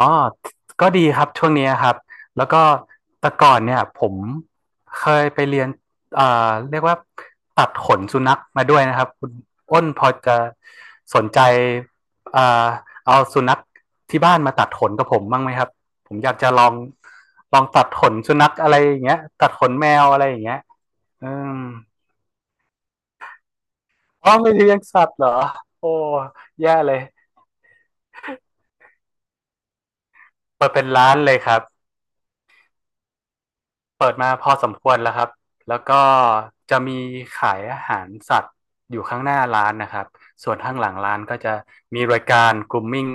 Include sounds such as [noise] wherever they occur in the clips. อ๋อก็ดีครับช่วงนี้ครับแล้วก็แต่ก่อนเนี่ยผมเคยไปเรียนเรียกว่าตัดขนสุนัขมาด้วยนะครับคุณอ้นพอจะสนใจเอ่อเอาสุนัขที่บ้านมาตัดขนกับผมบ้างไหมครับผมอยากจะลองตัดขนสุนัขอะไรอย่างเงี้ยตัดขนแมวอะไรอย่างเงี้ยอืมอ๋อไม่เลี้ยงสัตว์เหรอโอ้แย่เลยเปิดเป็นร้านเลยครับ เปิดมาพอสมควรแล้วครับ แล้วก็จะมีขายอาหารสัตว์อยู่ข้างหน้าร้านนะครับ ส่วนข้างหลังร้านก็จะมีรายการกลุมมิ่ง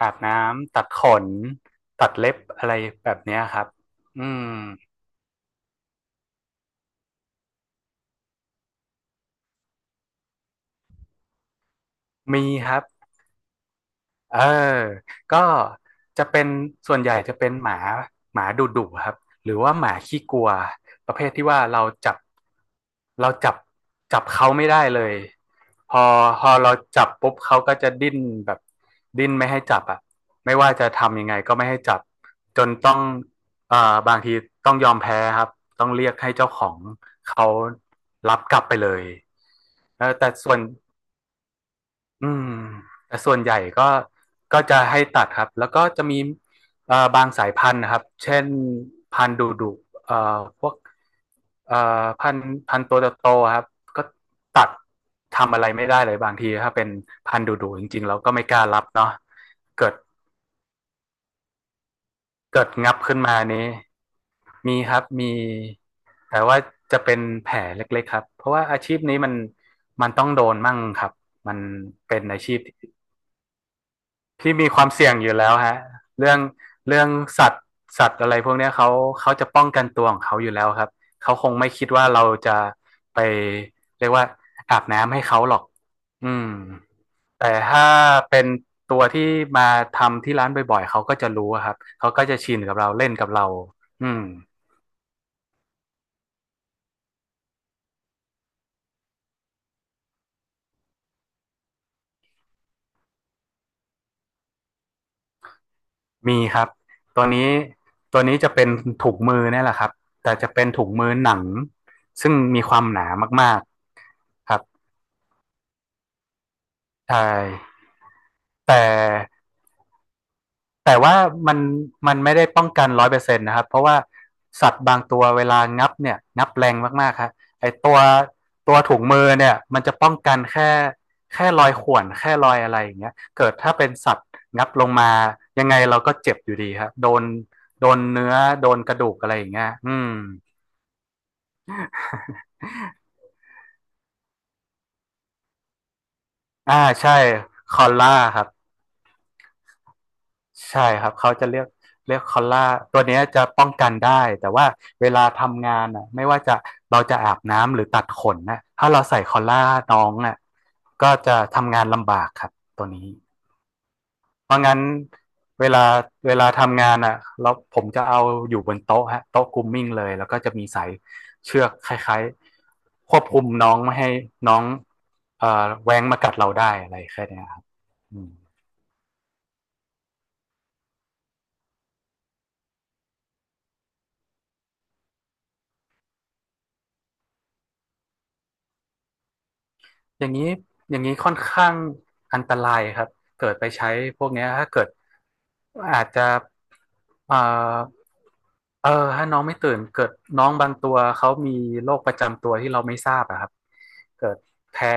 อาบน้ำตัดขนตัดเล็บอะไรแบบเนี้ยครับอืมมีครับ เออก็จะเป็นส่วนใหญ่จะเป็นหมาหมาดุดุครับหรือว่าหมาขี้กลัวประเภทที่ว่าเราจับจับเขาไม่ได้เลยพอพอเราจับปุ๊บเขาก็จะดิ้นแบบดิ้นไม่ให้จับอ่ะไม่ว่าจะทำยังไงก็ไม่ให้จับจนต้องเอ่อบางทีต้องยอมแพ้ครับต้องเรียกให้เจ้าของเขารับกลับไปเลยเออแต่ส่วน อืมแต่ส่วนใหญ่ก็ก็จะให้ตัดครับแล้วก็จะมีบางสายพันธุ์นะครับเช่นพันธุ์ดุดุเอ่อพวกเอ่อพันธุ์ตัวโตๆครับก็ตัดทำอะไรไม่ได้เลยบางทีถ้าเป็นพันธุ์ดุดุจริงๆเราก็ไม่กล้ารับเนาะเกิดเกิดงับขึ้นมานี้มีครับมีแต่ว่าจะเป็นแผลเล็กๆครับเพราะว่าอาชีพนี้มันต้องโดนมั่งครับมันเป็นอาชีพ ที่มีความเสี่ยงอยู่แล้วฮะเรื่องเรื่องสัตว์สัตว์อะไรพวกนี้เขาจะป้องกันตัวของเขาอยู่แล้วครับเขาคงไม่คิดว่าเราจะไปเรียกว่าอาบน้ำให้เขาหรอกอืมแต่ถ้าเป็นตัวที่มาทำที่ร้านบ่อยๆเขาก็จะรู้ครับเขาก็จะชินกับเราเล่นกับเราอืมมีครับตัวนี้ตัวนี้จะเป็นถุงมือนี่แหละครับแต่จะเป็นถุงมือหนังซึ่งมีความหนามากๆครับใช่แต่ แต่ว่ามันมันไม่ได้ป้องกัน100%นะครับเพราะว่าสัตว์บางตัวเวลางับเนี่ยงับแรงมากๆครับไอตัวตัวถุงมือเนี่ยมันจะป้องกันแค่รอยข่วนแค่รอยอะไรอย่างเงี้ยเกิดถ้าเป็นสัตว์งับลงมายังไงเราก็เจ็บอยู่ดีครับโดนเนื้อโดนกระดูกอะไรอย่างเงี้ยอืมอ่าใช่คอลล่าครับ ใช่ครับเขาจะเลือกคอลล่าตัวเนี้ยจะป้องกันได้แต่ว่าเวลาทำงานอ่ะไม่ว่าจะเราจะอาบน้ำหรือตัดขนนะถ้าเราใส่คอลล่าน้องอ่ะก็จะทำงานลำบากครับตัวนี้เพราะงั้นเวลาเวลาทำงานอ่ะแล้วผมจะเอาอยู่บนโต๊ะฮะโต๊ะกรูมมิ่งเลยแล้วก็จะมีสายเชือกคล้ายๆควบคุมน้องไม่ให้น้องเอ่อแว้งมากัดเราได้อะไรแค่เนี้ยครับอืม อย่างนี้อย่างนี้ค่อนข้างอันตรายครับเกิดไปใช้พวกเนี้ยถ้าเกิดอาจจะเอ่อเออถ้าน้องไม่ตื่นเกิดน้องบางตัวเขามีโรคประจำตัวที่เราไม่ทราบอะครับเกิดแพ้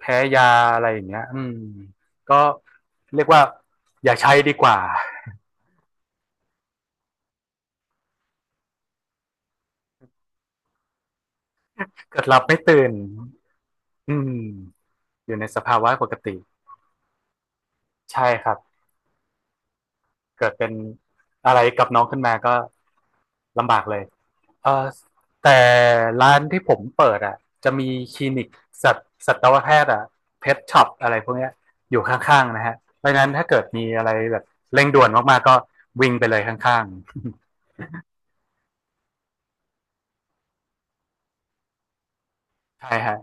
แพ้ยาอะไรอย่างเงี้ยอืมก็เรียกว่าอย่าใช้ดีกว่า [laughs] เกิดหลับไม่ตื่นอืมอยู่ในสภาวะปกติใช่ครับ เกิดเป็นอะไรกับน้องขึ้นมาก็ลำบากเลยเออแต่ร้านที่ผมเปิดอ่ะจะมีคลินิกสัตสัตวแพทย์อ่ะเพทช็อปอะไรพวกเนี้ยอยู่ข้างๆนะฮะเพราะฉะนั้นถ้าเกิดมีอะไรแบบเร่งด่วนมากๆก็วิ่งไปเลยข้างๆ [laughs] ใช่ฮะ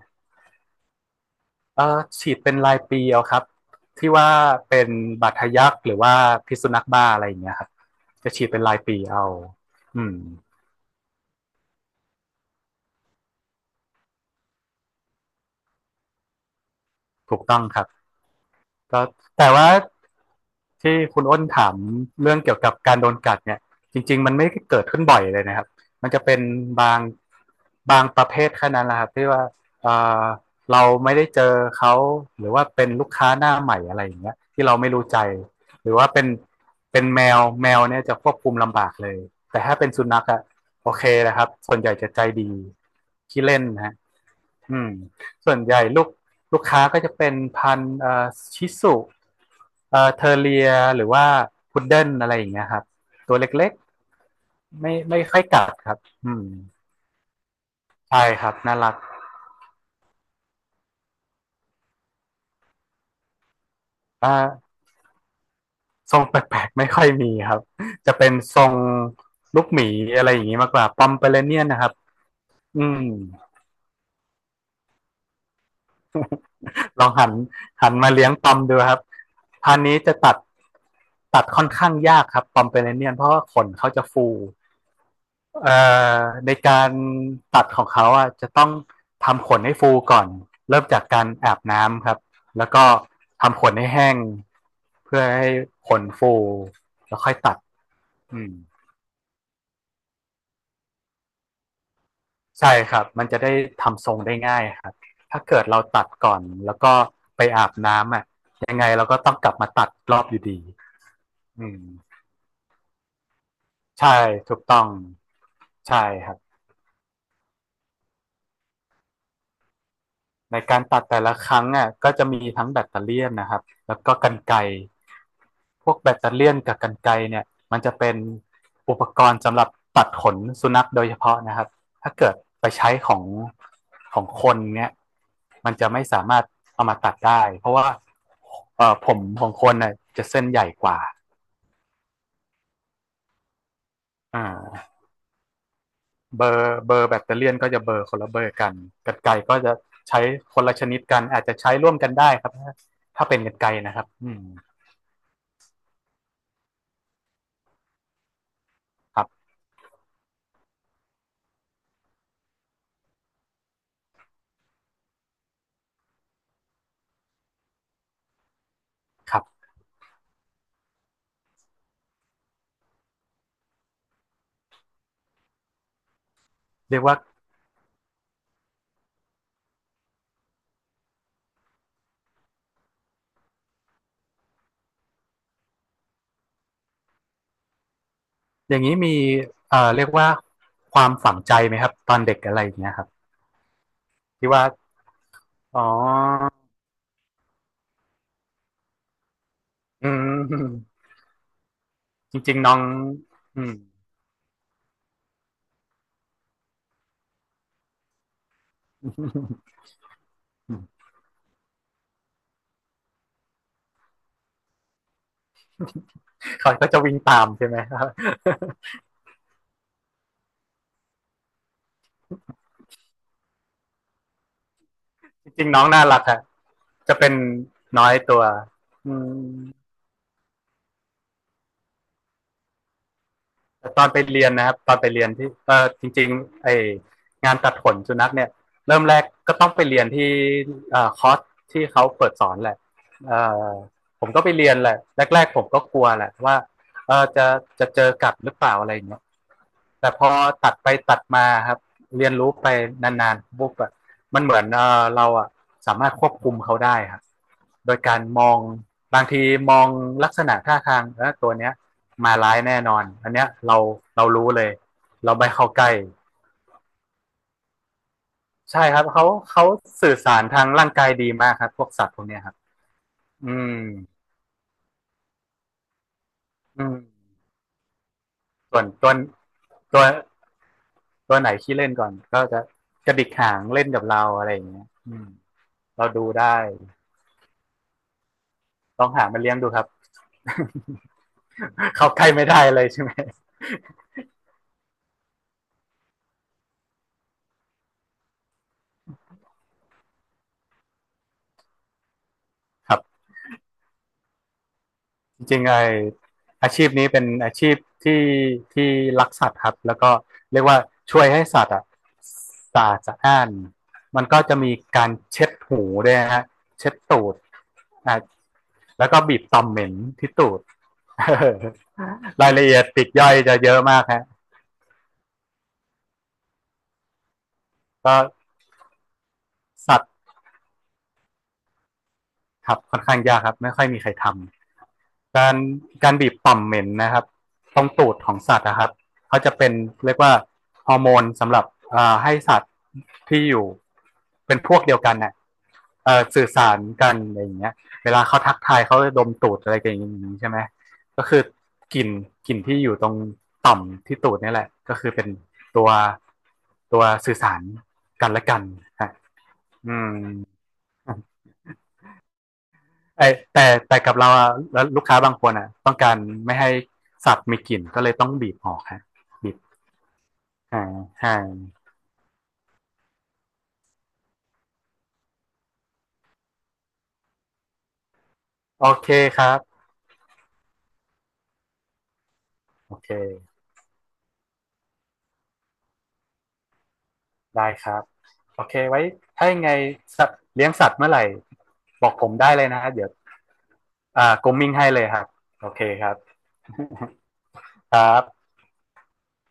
เออฉีดเป็นรายปีเอาครับที่ว่าเป็นบาดทะยักหรือว่าพิษสุนัขบ้าอะไรอย่างเงี้ยครับจะฉีดเป็นรายปีเอาอืมถูกต้องครับ แแต่ว่าที่คุณอ้นถามเรื่องเกี่ยวกับการโดนกัดเนี่ยจริงๆมันไม่ได้เกิดขึ้นบ่อยเลยนะครับมันจะเป็นบางบางประเภทแค่นั้นแหละครับที่ว่าเอ่อเราไม่ได้เจอเขาหรือว่าเป็นลูกค้าหน้าใหม่อะไรอย่างเงี้ยที่เราไม่รู้ใจหรือว่าเป็นแมวแมวเนี่ยจะควบคุมลำบากเลยแต่ถ้าเป็นสุนัขอะโอเคนะครับส่วนใหญ่จะใจดีขี้เล่นนะฮะ อืมส่วนใหญ่ลูกค้าก็จะเป็นพันธุ์ชิสุเทอร์เรียหรือว่าพุดเดิ้ลอะไรอย่างเงี้ยครับตัวเล็กๆไม่ค่อยกัดครับอืมใช่ครับน่ารักอ่าทรงแปลกๆไม่ค่อยมีครับจะเป็นทรงลูกหมีอะไรอย่างงี้มากกว่าปอมเปอเรเนียนนะครับอืมลองหันมาเลี้ยงปอมดูครับพันธุ์นี้จะตัดค่อนข้างยากครับปอมเปอเรเนียนเพราะว่าขนเขาจะฟู เอ่อในการตัดของเขาอ่ะจะต้องทำขนให้ฟูก่อนเริ่มจากการอาบน้ำครับแล้วก็ทำขนให้แห้งเพื่อให้ขนฟูแล้วค่อยตัดอืมใช่ครับมันจะได้ทำทรงได้ง่ายครับถ้าเกิดเราตัดก่อนแล้วก็ไปอาบน้ำอ่ะยังไงเราก็ต้องกลับมาตัดรอบอยู่ดีอืมใช่ถูกต้องใช่ครับ ในการตัดแต่ละครั้งอ่ะก็จะมีทั้งแบตเตอเลียนนะครับแล้วก็กรรไกรพวกแบตเตอเลียนกับกรรไกรเนี่ยมันจะเป็นอุปกรณ์สำหรับตัดขนสุนัขโดยเฉพาะนะครับถ้าเกิดไปใช้ของคนเนี่ยมันจะไม่สามารถเอามาตัดได้เพราะว่าผมของคนน่ะจะเส้นใหญ่กว่าอ่าเบอร์แบตเตอเลียนก็จะเบอร์คนละเบอร์กันกรรไกรก็จะใช้คนละชนิดกันอาจจะใช้ร่วมกันได้ครับถ้าเป็นกรรไกรนะครับอืม ครับครับเรียกว่าอย่างนี้มีเรียกว่าความฝังใจไหมครับตอนเด็กอะไรอย่างเงี้ยครับที่ว่าอ๋ออืมจริงๆน้องอืม [laughs] เขาก็จะวิ่งตามใช่ไหมครับ [laughs] จริงๆน้องน่ารักฮะจะเป็นน้อยตัวอืม แต่ตอนไปเรียนนะครับตอนไปเรียนที่เออจริงๆไองานตัดขนสุนัขเนี่ยเริ่มแรกก็ต้องไปเรียนที่คอร์สที่เขาเปิดสอนแหละเอ่อผมก็ไปเรียนแหละแรกๆผมก็กลัวแหละว่าเออจะเจอกัดหรือเปล่าอะไรอย่างเงี้ย แต่พอตัดไปตัดมาครับเรียนรู้ไปนานๆปุ๊บอะมันเหมือนเออเราอะสามารถควบคุมเขาได้ครับโดยการมองบางทีมองลักษณะท่าทางแล้วตัวเนี้ยมาร้ายแน่นอนอันเนี้ยเรารู้เลยเราไปเข้าใกล้ใช่ครับเขาสื่อสารทางร่างกายดีมากครับพวกสัตว์พวกเนี้ยครับอืมอืมส่วนตัวตัวไหนขี้เล่นก่อนก็จะกระดิกหางเล่นกับเราอะไรอย่างเงี้ยอืมเราดูได้ ลองหามาเลี้ยงดูครับ [laughs] เข้าใกล้ไม่ได้เลยใช่ไหมครับจริงๆไออาชีพนี้เป็นอาชีพที่ที่รักสัตว์ครับแล้วก็เรียกว่าช่วยให้สัตว์อะสะอาดสะอ้านมันก็จะมีการเช็ดหูด้วยฮะเช็ดตูดอ่ะแล้วก็บีบตอมเหม็นที่ตูด [laughs] รายละเอียดปลีกย่อยจะเยอะมากฮะก็สัตว์ครับค่อนข้างยากครับไม่ค่อยมีใครทำ การการบีบต่อมเหม็นนะครับตรงตูดของสัตว์นะครับ เขาจะเป็นเรียกว่าฮอร์โมนสำหรับให้สัตว์ที่อยู่เป็นพวกเดียวกันเนี่ยอ่สื่อสารกันอะไรอย่างเงี้ยเวลาเขาทักทายเขาจะดมตูดอะไรกันอย่างนี้ใช่ไหมก็คือกลิ่นกลิ่นที่อยู่ตรงต่อมที่ตูดนี่แหละก็คือเป็นตัวตัวสื่อสารกันและกันฮะอืม ไอแต่กับเราอะแล้วลูกค้าบางคนอะต้องการไม่ให้สับมีกลิ่นก็เลยต้องบีบออกฮะบีบห่างห่างโอเคครับโอเคได้ครับโอเคไว้ถ้ายังไงสัตว์เลี้ยงสัตว์เมื่อไหร่บอกผมได้เลยนะฮะเดี๋ยวอ่ากรมมิ่งให้เลยครับโอเคครับ [laughs] ครับ